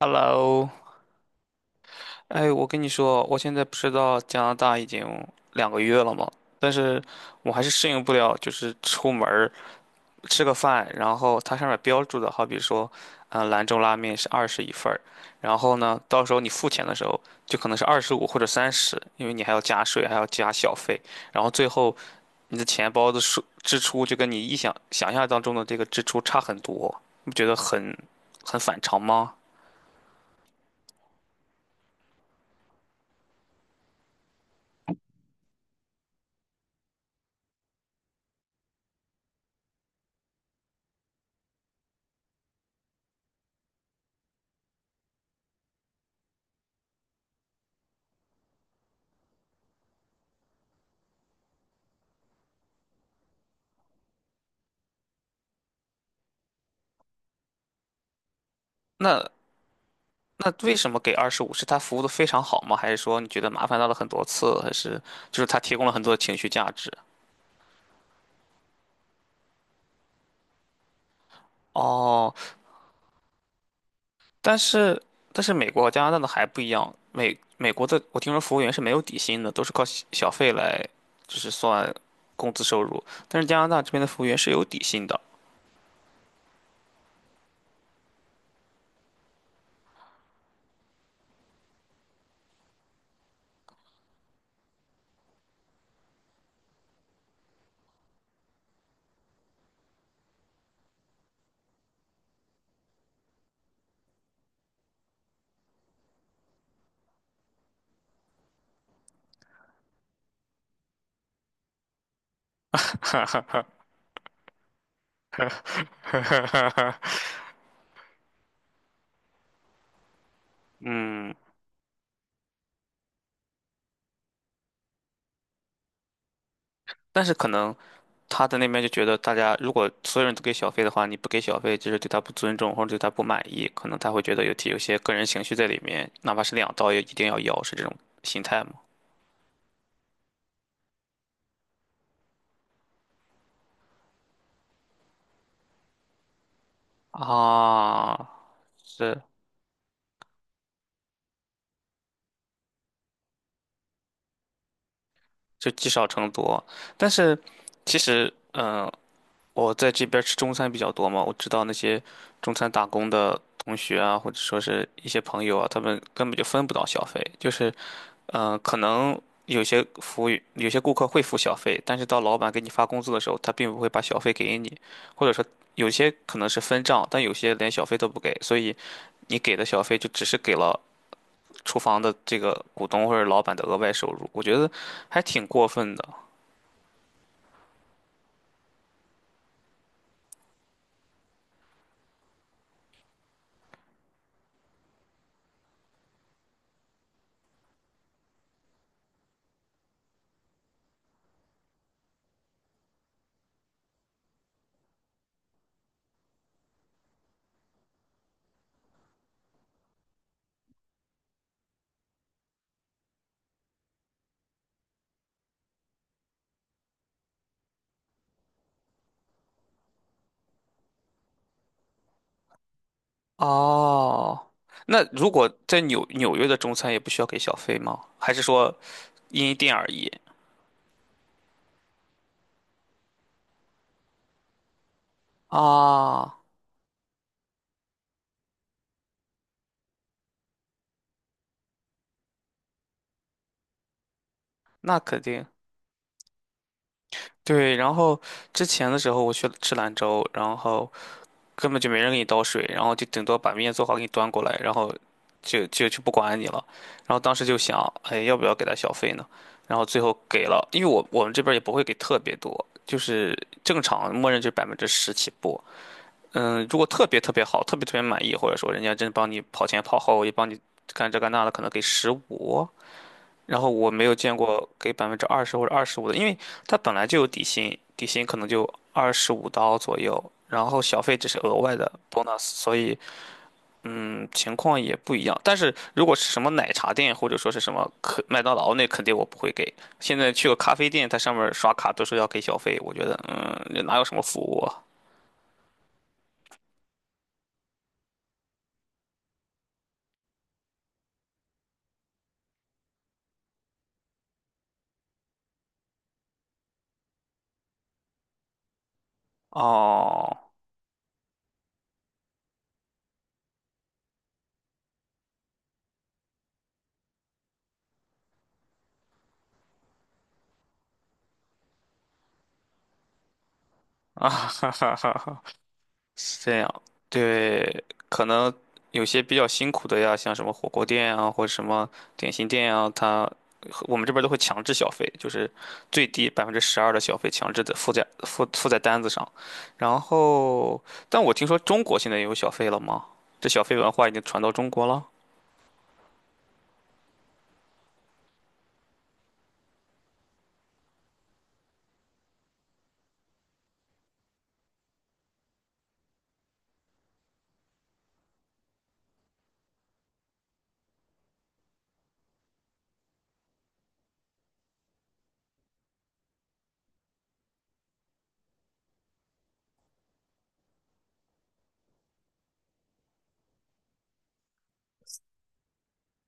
Hello，我跟你说，我现在不是到加拿大已经2个月了嘛，但是我还是适应不了，就是出门儿吃个饭，然后它上面标注的，好比说，兰州拉面是21份儿。然后呢，到时候你付钱的时候就可能是二十五或者三十，因为你还要加税，还要加小费，然后最后你的钱包的数支出就跟你想象当中的这个支出差很多，你不觉得很反常吗？那那为什么给二十五？是他服务的非常好吗？还是说你觉得麻烦到了很多次？还是就是他提供了很多的情绪价值？哦，但是但是美国和加拿大的还不一样，美国的我听说服务员是没有底薪的，都是靠小费来就是算工资收入，但是加拿大这边的服务员是有底薪的。嗯，但是可能他在那边就觉得，大家如果所有人都给小费的话，你不给小费，就是对他不尊重或者对他不满意，可能他会觉得有些个人情绪在里面，哪怕是2刀也一定要要，是这种心态吗？啊，是，就积少成多。但是其实，我在这边吃中餐比较多嘛，我知道那些中餐打工的同学啊，或者说是一些朋友啊，他们根本就分不到小费，就是。可能有些服务员有些顾客会付小费，但是到老板给你发工资的时候，他并不会把小费给你，或者说有些可能是分账，但有些连小费都不给，所以你给的小费就只是给了厨房的这个股东或者老板的额外收入，我觉得还挺过分的。哦，那如果在纽约的中餐也不需要给小费吗？还是说因店而异？啊，那肯定。对，然后之前的时候我去吃兰州，然后根本就没人给你倒水，然后就顶多把面做好给你端过来，然后就不管你了。然后当时就想，哎，要不要给他小费呢？然后最后给了，因为我们这边儿也不会给特别多，就是正常默认就是百分之十起步。嗯，如果特别特别好，特别特别满意，或者说人家真帮你跑前跑后，也帮你干这干那的，可能给十五。然后我没有见过给20%或者二十五的，因为它本来就有底薪，底薪可能就25刀左右，然后小费只是额外的 bonus，所以情况也不一样。但是如果是什么奶茶店或者说是什么可麦当劳，那肯定我不会给。现在去个咖啡店，它上面刷卡都是要给小费，我觉得这哪有什么服务啊？哦，哈哈哈是这样。对，可能有些比较辛苦的呀，像什么火锅店啊，或者什么点心店啊，他我们这边都会强制消费，就是最低12%的消费强制的附在单子上。然后，但我听说中国现在也有小费了吗？这小费文化已经传到中国了。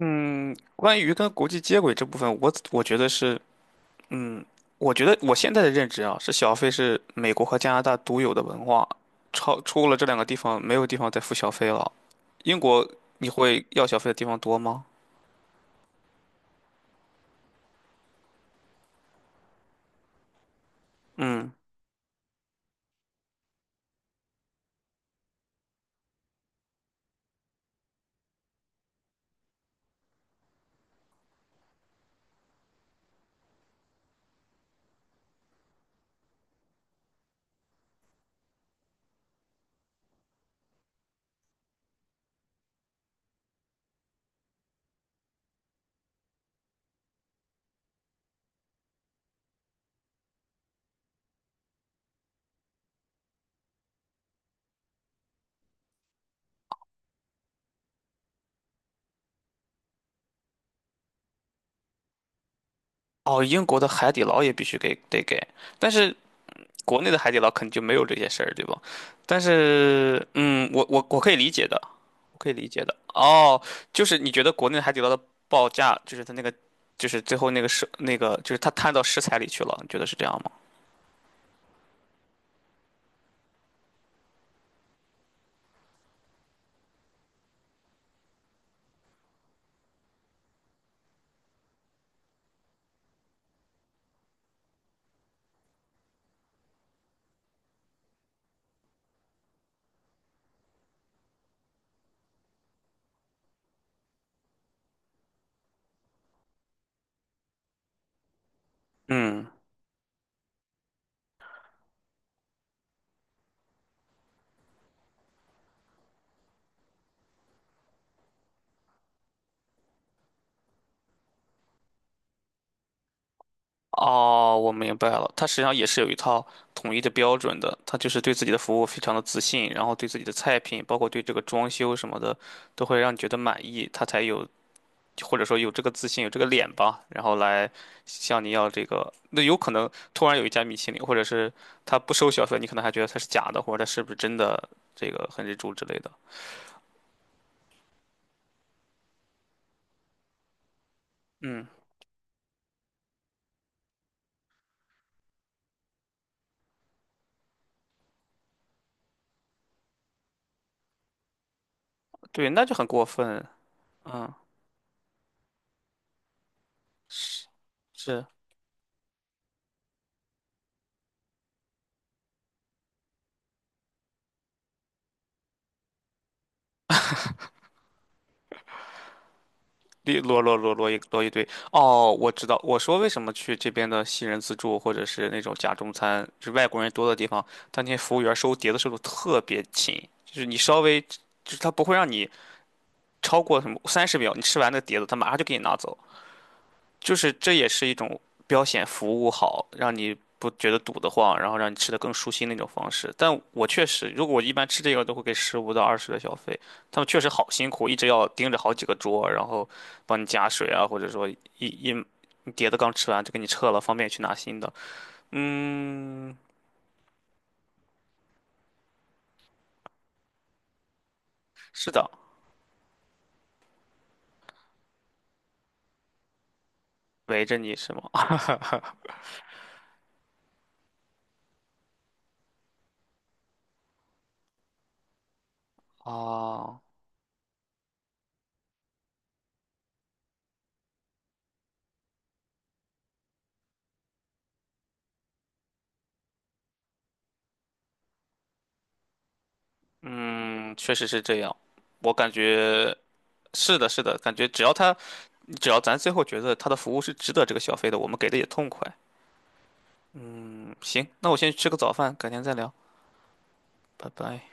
嗯，关于跟国际接轨这部分，我觉得是。嗯，我觉得我现在的认知啊，是小费是美国和加拿大独有的文化，超出了这两个地方，没有地方再付小费了。英国你会要小费的地方多吗？嗯，哦，英国的海底捞也必须给得给，但是国内的海底捞肯定就没有这些事儿，对吧？但是，嗯，我可以理解的，我可以理解的。哦，就是你觉得国内海底捞的报价，就是它那个，就是最后那个是那个，就是它摊到食材里去了，你觉得是这样吗？嗯。哦，我明白了，他实际上也是有一套统一的标准的，他就是对自己的服务非常的自信，然后对自己的菜品，包括对这个装修什么的，都会让你觉得满意，他才有或者说有这个自信，有这个脸吧，然后来向你要这个。那有可能突然有一家米其林，或者是他不收小费，你可能还觉得他是假的，或者他是不是真的这个很日柱之类的。嗯，对，那就很过分。嗯，是。一摞摞摞摞一摞一堆。哦，我知道，我说为什么去这边的西人自助或者是那种假中餐，就是外国人多的地方，他那些服务员收碟子速度特别勤，就是你稍微，就是他不会让你超过什么30秒，你吃完那个碟子，他马上就给你拿走。就是这也是一种标显服务好，让你不觉得堵得慌，然后让你吃的更舒心的一种方式。但我确实，如果我一般吃这个，都会给15到20的小费。他们确实好辛苦，一直要盯着好几个桌，然后帮你加水啊，或者说你碟子刚吃完就给你撤了，方便去拿新的。嗯，是的，围着你是吗？啊，嗯，确实是这样。我感觉是的，是的，感觉只要咱最后觉得他的服务是值得这个消费的，我们给的也痛快。嗯，行，那我先去吃个早饭，改天再聊，拜拜。